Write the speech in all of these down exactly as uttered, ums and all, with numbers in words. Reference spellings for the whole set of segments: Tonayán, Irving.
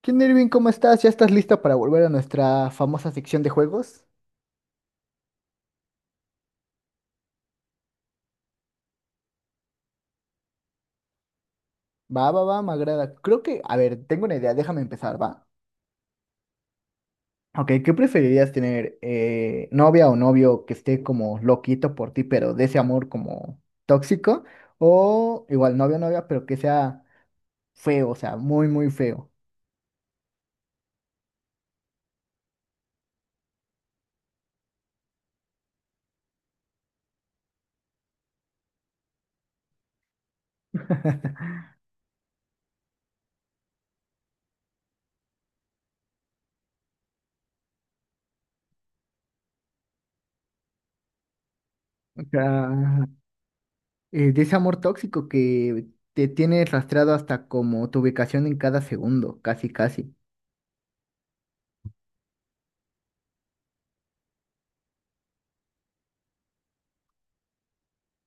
¿Qué onda, Irving? ¿Cómo estás? ¿Ya estás lista para volver a nuestra famosa sección de juegos? Va, va, va, me agrada. Creo que, a ver, tengo una idea, déjame empezar, va. Ok, ¿qué preferirías tener? Eh, ¿novia o novio que esté como loquito por ti, pero de ese amor como tóxico? O igual novio o novia, pero que sea feo, o sea, muy, muy feo. O sea, eh, de ese amor tóxico que te tiene rastreado hasta como tu ubicación en cada segundo, casi, casi.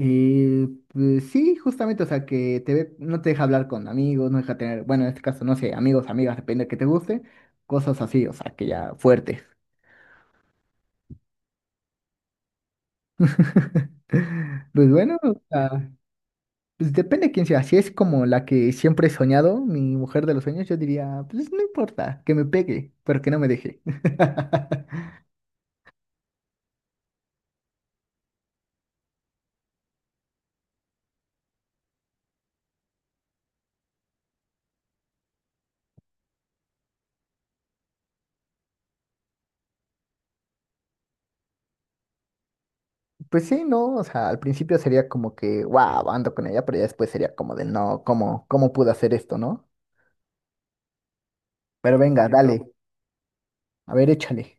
Eh, pues sí, justamente, o sea, que te ve- no te deja hablar con amigos, no deja tener, bueno, en este caso, no sé, amigos, amigas, depende de que te guste, cosas así, o sea, que ya fuertes. Pues bueno, o sea, pues depende de quién sea, si es como la que siempre he soñado, mi mujer de los sueños, yo diría, pues no importa, que me pegue, pero que no me deje. Pues sí, no, o sea, al principio sería como que, wow, ando con ella, pero ya después sería como de, no, ¿cómo, cómo pude hacer esto, no? Pero venga, dale, a ver, échale.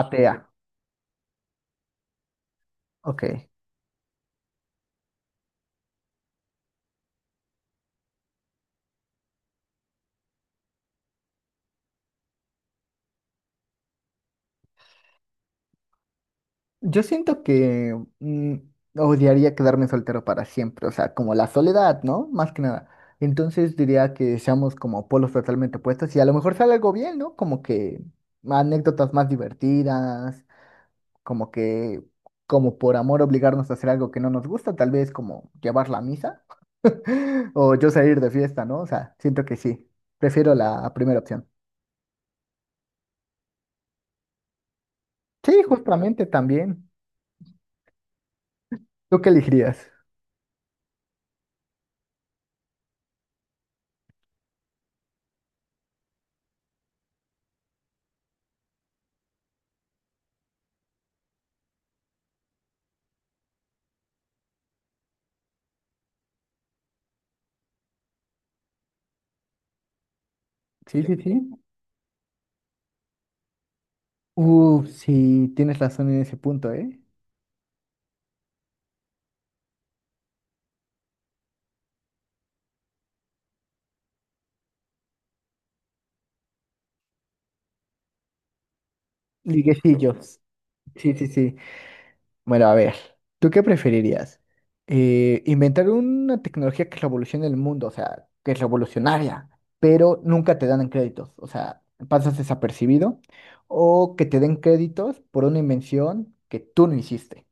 Atea, ok. Yo siento que mm, odiaría quedarme soltero para siempre, o sea, como la soledad, ¿no? Más que nada. Entonces diría que seamos como polos totalmente opuestos y a lo mejor sale algo bien, ¿no? Como que anécdotas más divertidas, como que, como por amor obligarnos a hacer algo que no nos gusta, tal vez como llevar la misa o yo salir de fiesta, ¿no? O sea, siento que sí, prefiero la primera opción. Sí, justamente también. ¿Tú qué elegirías? Sí, sí, sí. Uh, sí, tienes razón en ese punto, ¿eh? Liguecillos. Sí, sí, sí. Sí. Bueno, a ver, ¿tú qué preferirías? Eh, inventar una tecnología que revolucione el mundo, o sea, que es revolucionaria, pero nunca te dan en créditos, o sea, pasas desapercibido, o que te den créditos por una invención que tú no hiciste.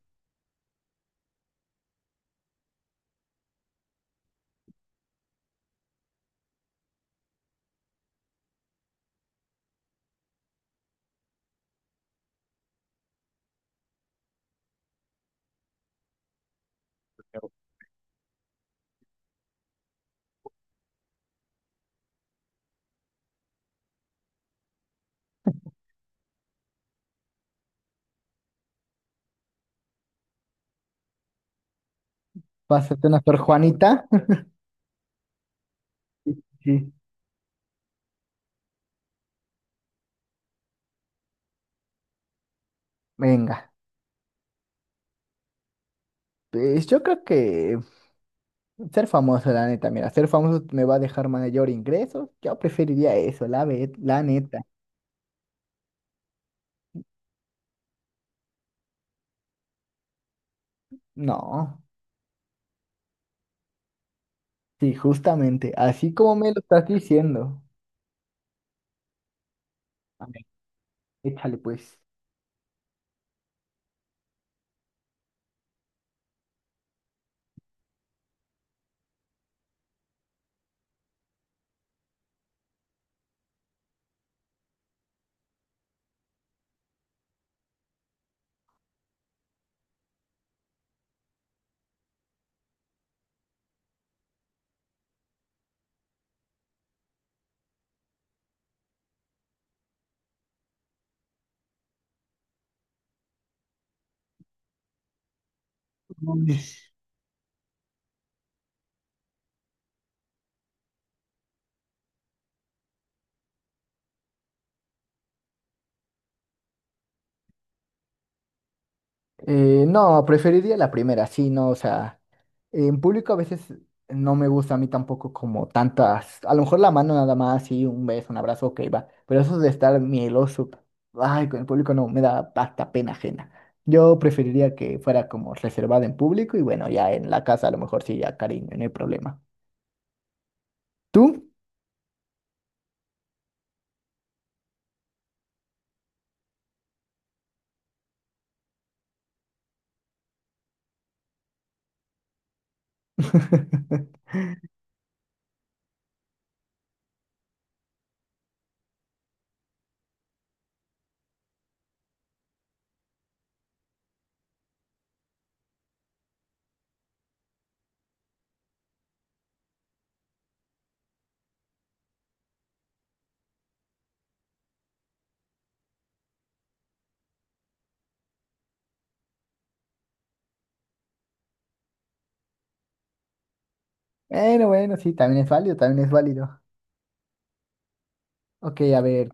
Pásate una Sor Juanita. Sí. Venga, pues yo creo que ser famoso, la neta, mira, ser famoso me va a dejar mayor ingresos. Yo preferiría eso, la, ve- la neta. No, sí, justamente, así como me lo estás diciendo. A ver, échale pues. Uy. Eh, no, preferiría la primera, sí, no, o sea, en público a veces no me gusta a mí tampoco como tantas, a lo mejor la mano nada más, sí, un beso, un abrazo, ok, va, pero eso de estar mieloso, ay, con el público no, me da hasta pena ajena. Yo preferiría que fuera como reservada en público y bueno, ya en la casa a lo mejor sí, ya cariño, no hay problema. ¿Tú? Bueno, bueno, sí, también es válido, también es válido. Ok, a ver.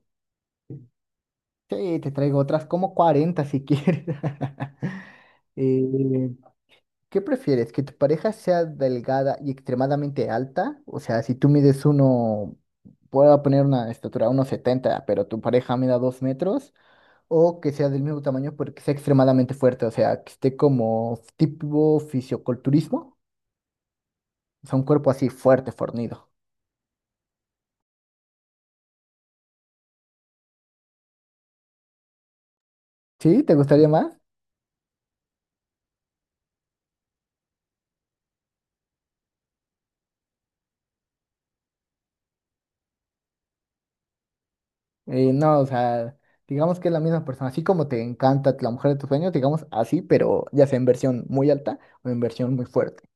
Sí, te traigo otras como cuarenta si quieres. Eh, ¿Qué prefieres? ¿Que tu pareja sea delgada y extremadamente alta? O sea, si tú mides uno, puedo poner una estatura uno setenta pero tu pareja mida dos metros, o que sea del mismo tamaño porque sea extremadamente fuerte, o sea, que esté como tipo fisioculturismo, o sea, un cuerpo así fuerte, fornido. ¿Sí? ¿Te gustaría más? Eh, no, o sea, digamos que es la misma persona, así como te encanta la mujer de tus sueños, digamos así, pero ya sea en versión muy alta o en versión muy fuerte.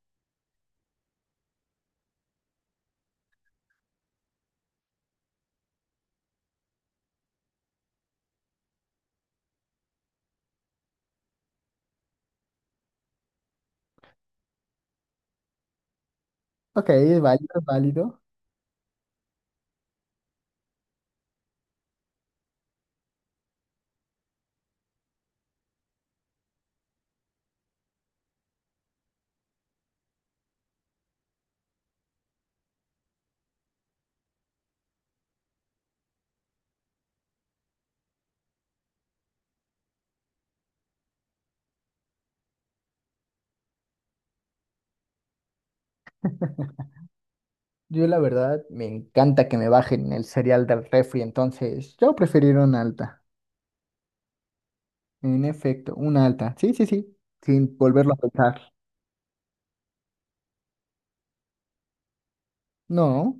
Ok, es válido, es válido. Yo la verdad me encanta que me bajen el cereal del refri, entonces yo preferiría una alta. En efecto, una alta. Sí, sí, sí, sin volverlo a pensar. No,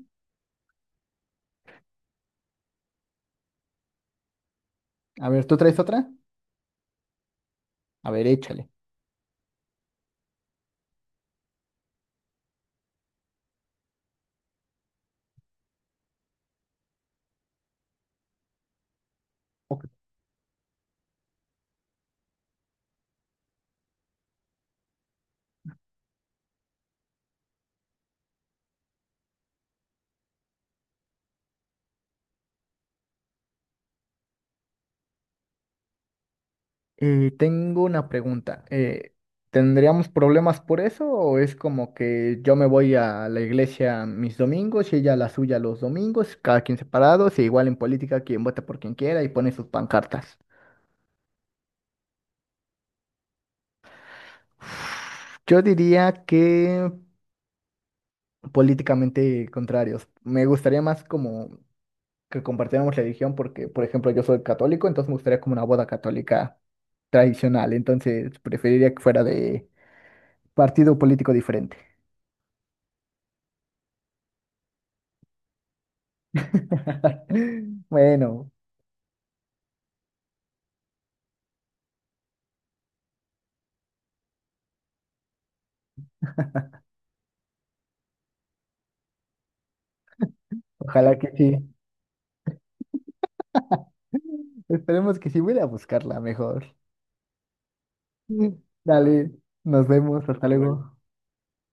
a ver, ¿tú traes otra? A ver, échale. Y tengo una pregunta. Eh, ¿tendríamos problemas por eso o es como que yo me voy a la iglesia mis domingos y ella a la suya los domingos, cada quien separados, e igual en política quien vota por quien quiera y pone sus pancartas? Yo diría que políticamente contrarios. Me gustaría más como que compartiéramos religión porque, por ejemplo, yo soy católico, entonces me gustaría como una boda católica tradicional, entonces preferiría que fuera de partido político diferente. Bueno, ojalá que sí. Esperemos que sí. Voy a ir a buscarla mejor. Dale, nos vemos. Hasta luego.